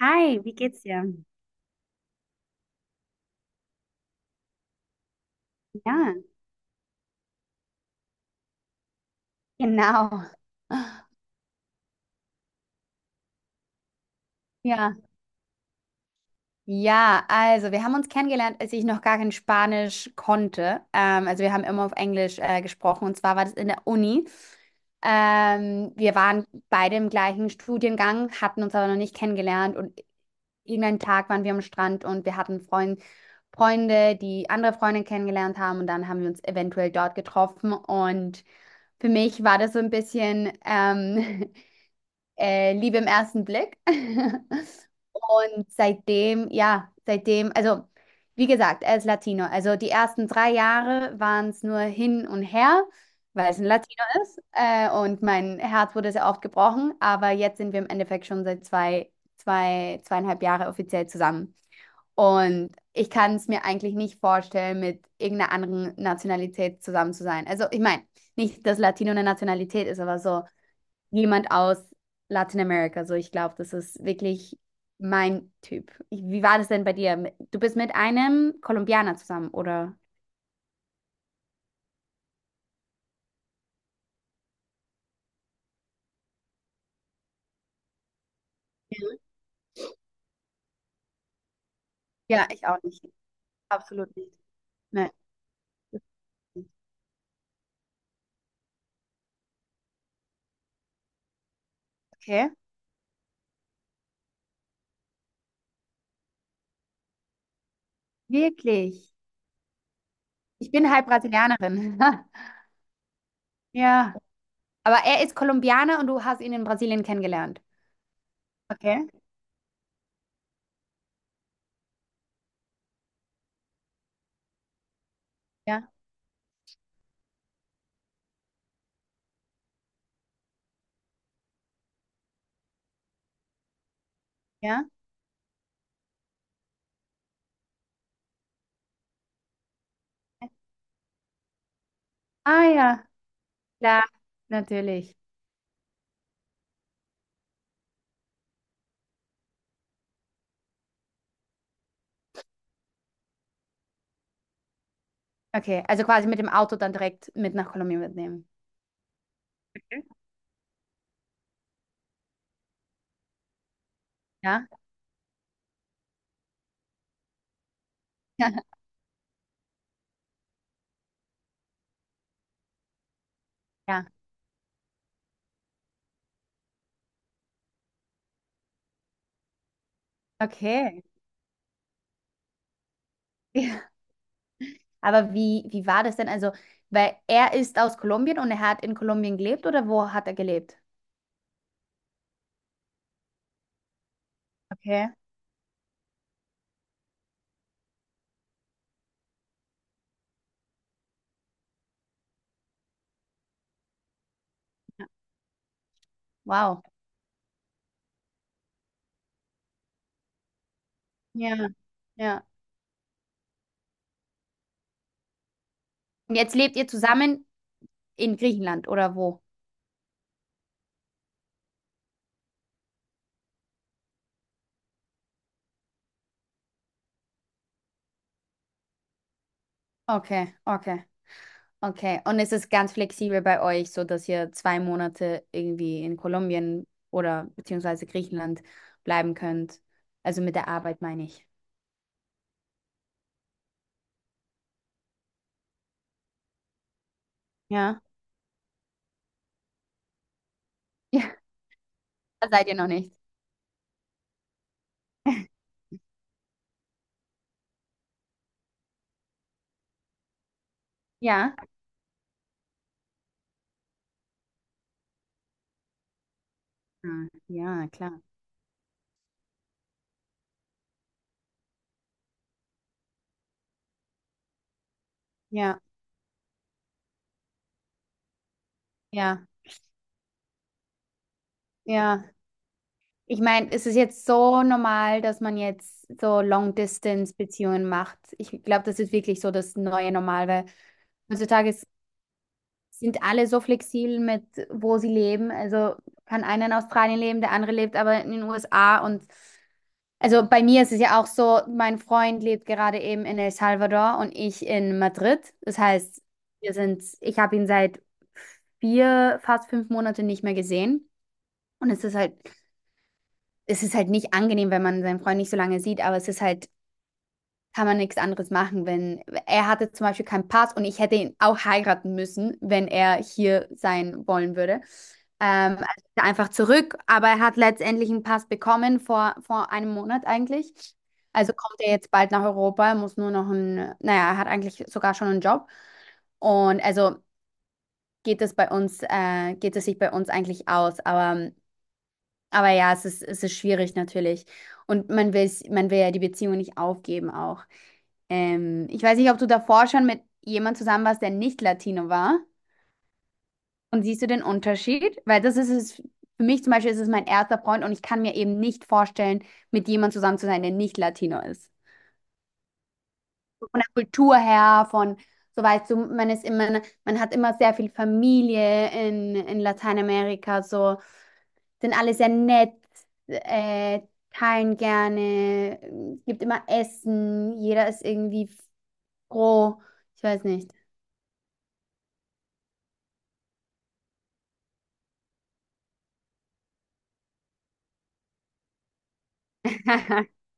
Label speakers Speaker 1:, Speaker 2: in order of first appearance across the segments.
Speaker 1: Hi, wie geht's dir? Ja, genau. Ja, ja, also wir haben uns kennengelernt, als ich noch gar kein Spanisch konnte. Also wir haben immer auf Englisch gesprochen, und zwar war das in der Uni. Wir waren beide im gleichen Studiengang, hatten uns aber noch nicht kennengelernt, und irgendeinen Tag waren wir am Strand und wir hatten Freunde, die andere Freunde kennengelernt haben, und dann haben wir uns eventuell dort getroffen. Und für mich war das so ein bisschen Liebe im ersten Blick. Und seitdem, ja, seitdem, also wie gesagt, er ist Latino. Also die ersten drei Jahre waren es nur hin und her, weil es ein Latino ist. Und mein Herz wurde sehr oft gebrochen. Aber jetzt sind wir im Endeffekt schon seit zweieinhalb Jahre offiziell zusammen. Und ich kann es mir eigentlich nicht vorstellen, mit irgendeiner anderen Nationalität zusammen zu sein. Also ich meine, nicht, dass Latino eine Nationalität ist, aber so jemand aus Lateinamerika. So, ich glaube, das ist wirklich mein Typ. Wie war das denn bei dir? Du bist mit einem Kolumbianer zusammen, oder? Ja, ich auch nicht. Absolut nicht. Nein. Okay. Wirklich. Ich bin halb Brasilianerin. Ja. Aber er ist Kolumbianer und du hast ihn in Brasilien kennengelernt. Okay. Ja. Ja. Ah ja. Klar. Natürlich. Okay. Also quasi mit dem Auto dann direkt mit nach Kolumbien mitnehmen. Ja. Ja. Okay. Aber wie war das denn? Also, weil er ist aus Kolumbien und er hat in Kolumbien gelebt, oder wo hat er gelebt? Okay. Wow. Ja, ja. Und jetzt lebt ihr zusammen in Griechenland oder wo? Okay, okay, okay. Und es ist ganz flexibel bei euch, so dass ihr zwei Monate irgendwie in Kolumbien oder beziehungsweise Griechenland bleiben könnt. Also mit der Arbeit meine ich. Ja, ja, da seid ihr noch nicht. Ja. Ah, ja, klar. Ja, ja, ja. Ich meine, es ist jetzt so normal, dass man jetzt so Long-Distance-Beziehungen macht. Ich glaube, das ist wirklich so das neue Normal, weil heutzutage sind alle so flexibel mit, wo sie leben. Also kann einer in Australien leben, der andere lebt aber in den USA. Und also bei mir ist es ja auch so, mein Freund lebt gerade eben in El Salvador und ich in Madrid. Das heißt, ich habe ihn seit vier, fast fünf Monate nicht mehr gesehen. Und es ist halt, es ist halt nicht angenehm, wenn man seinen Freund nicht so lange sieht, aber es ist halt, kann man nichts anderes machen, wenn, er hatte zum Beispiel keinen Pass und ich hätte ihn auch heiraten müssen, wenn er hier sein wollen würde. Also einfach zurück, aber er hat letztendlich einen Pass bekommen vor einem Monat eigentlich. Also kommt er jetzt bald nach Europa, muss nur noch ein, naja, er hat eigentlich sogar schon einen Job. Und also geht es bei uns, geht es sich bei uns eigentlich aus, aber ja, es ist schwierig natürlich. Und man will ja die Beziehung nicht aufgeben auch. Ich weiß nicht, ob du davor schon mit jemand zusammen warst, der nicht Latino war. Und siehst du den Unterschied? Weil das ist es, für mich zum Beispiel ist es mein erster Freund und ich kann mir eben nicht vorstellen, mit jemandem zusammen zu sein, der nicht Latino ist. Von der Kultur her, so weißt du, man ist immer, man hat immer sehr viel Familie in Lateinamerika, so. Sind alle sehr nett, äh, teilen gerne, gibt immer Essen, jeder ist irgendwie froh. Ich weiß nicht.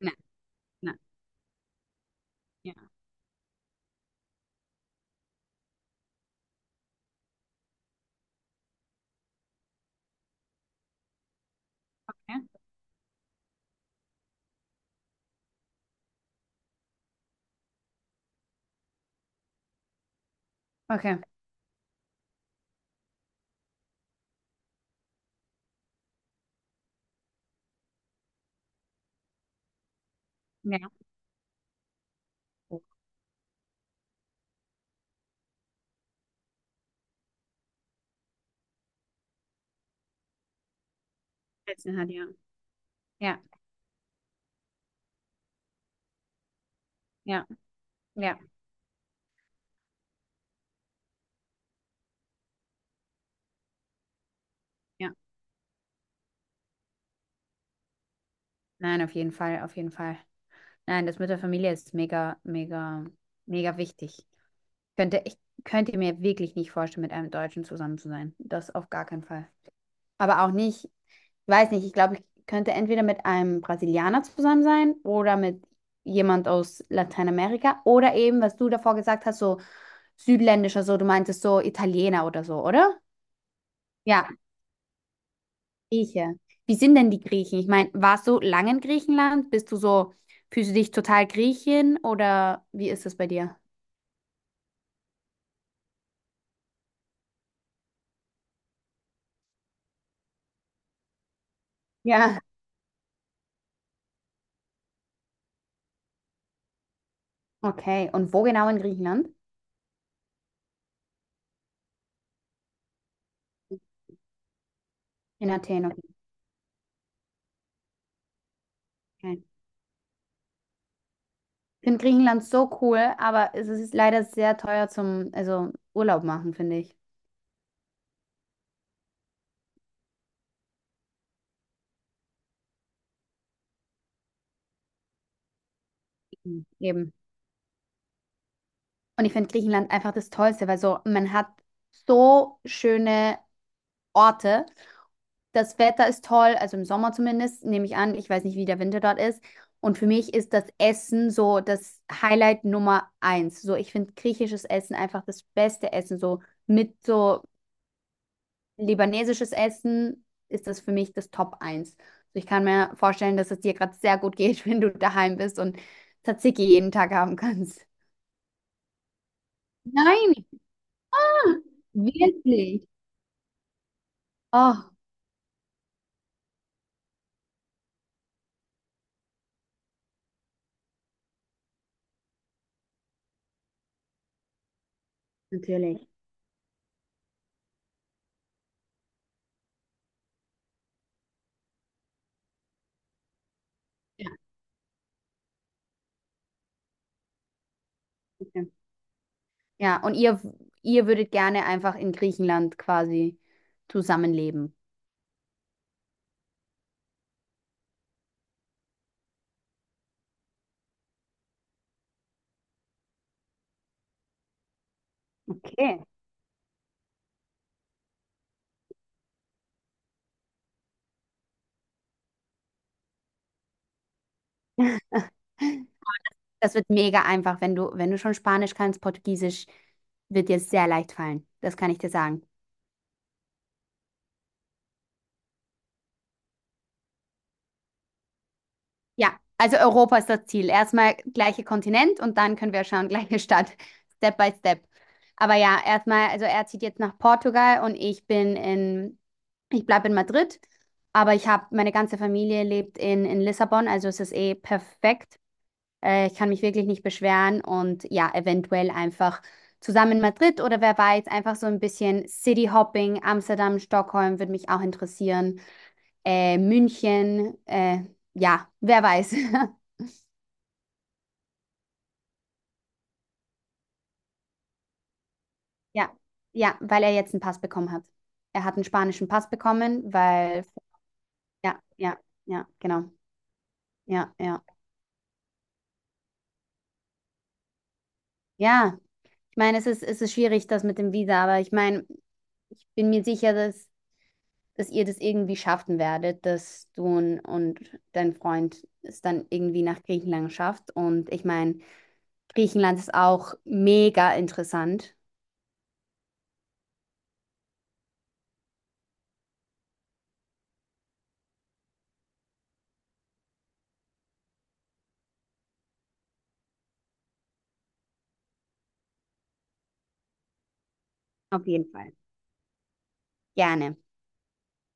Speaker 1: Nein, nein, ja, ja, okay. Ja. Oh, Plätzchen hat ja. Ja, ja, ja, ja. Nein, auf jeden Fall, auf jeden Fall. Nein, das mit der Familie ist mega, mega, mega wichtig. Ich könnte mir wirklich nicht vorstellen, mit einem Deutschen zusammen zu sein. Das auf gar keinen Fall. Aber auch nicht, weiß nicht, ich glaube, ich könnte entweder mit einem Brasilianer zusammen sein oder mit jemand aus Lateinamerika, oder eben, was du davor gesagt hast, so südländischer, so du meintest so Italiener oder so, oder? Ja, Grieche. Wie sind denn die Griechen? Ich meine, warst du lange in Griechenland? Bist du so, fühlst du dich total Griechin oder wie ist das bei dir? Ja. Okay, und wo genau in Griechenland? In Athen, okay. Finde Griechenland so cool, aber es ist leider sehr teuer zum, also Urlaub machen, finde ich. Mhm. Eben. Und ich finde Griechenland einfach das Tollste, weil so, man hat so schöne Orte. Das Wetter ist toll, also im Sommer zumindest, nehme ich an. Ich weiß nicht, wie der Winter dort ist. Und für mich ist das Essen so das Highlight Nummer eins. So, ich finde griechisches Essen einfach das beste Essen. So mit so libanesisches Essen ist das für mich das Top eins. Also ich kann mir vorstellen, dass es dir gerade sehr gut geht, wenn du daheim bist und Tzatziki jeden Tag haben kannst. Nein, wirklich. Oh, natürlich. Ja, okay. Ja, und ihr würdet gerne einfach in Griechenland quasi zusammenleben. Okay. Das wird mega einfach, wenn du, wenn du schon Spanisch kannst, Portugiesisch wird dir sehr leicht fallen. Das kann ich dir sagen. Ja, also Europa ist das Ziel. Erstmal gleiche Kontinent und dann können wir schauen, gleiche Stadt, Step by Step. Aber ja, erstmal, also er zieht jetzt nach Portugal und ich bin ich bleibe in Madrid, aber ich habe, meine ganze Familie lebt in Lissabon, also es ist eh perfekt. Ich kann mich wirklich nicht beschweren, und ja, eventuell einfach zusammen in Madrid oder wer weiß, einfach so ein bisschen City Hopping, Amsterdam, Stockholm würde mich auch interessieren, München, ja, wer weiß. Ja, ja, weil er jetzt einen Pass bekommen hat. Er hat einen spanischen Pass bekommen, weil, ja, ja, ja, genau. Ja, ja. Ja, ich meine, es ist schwierig, das mit dem Visa, aber ich meine, ich bin mir sicher, dass ihr das irgendwie schaffen werdet, dass du und dein Freund es dann irgendwie nach Griechenland schafft. Und ich meine, Griechenland ist auch mega interessant. Auf jeden Fall. Gerne.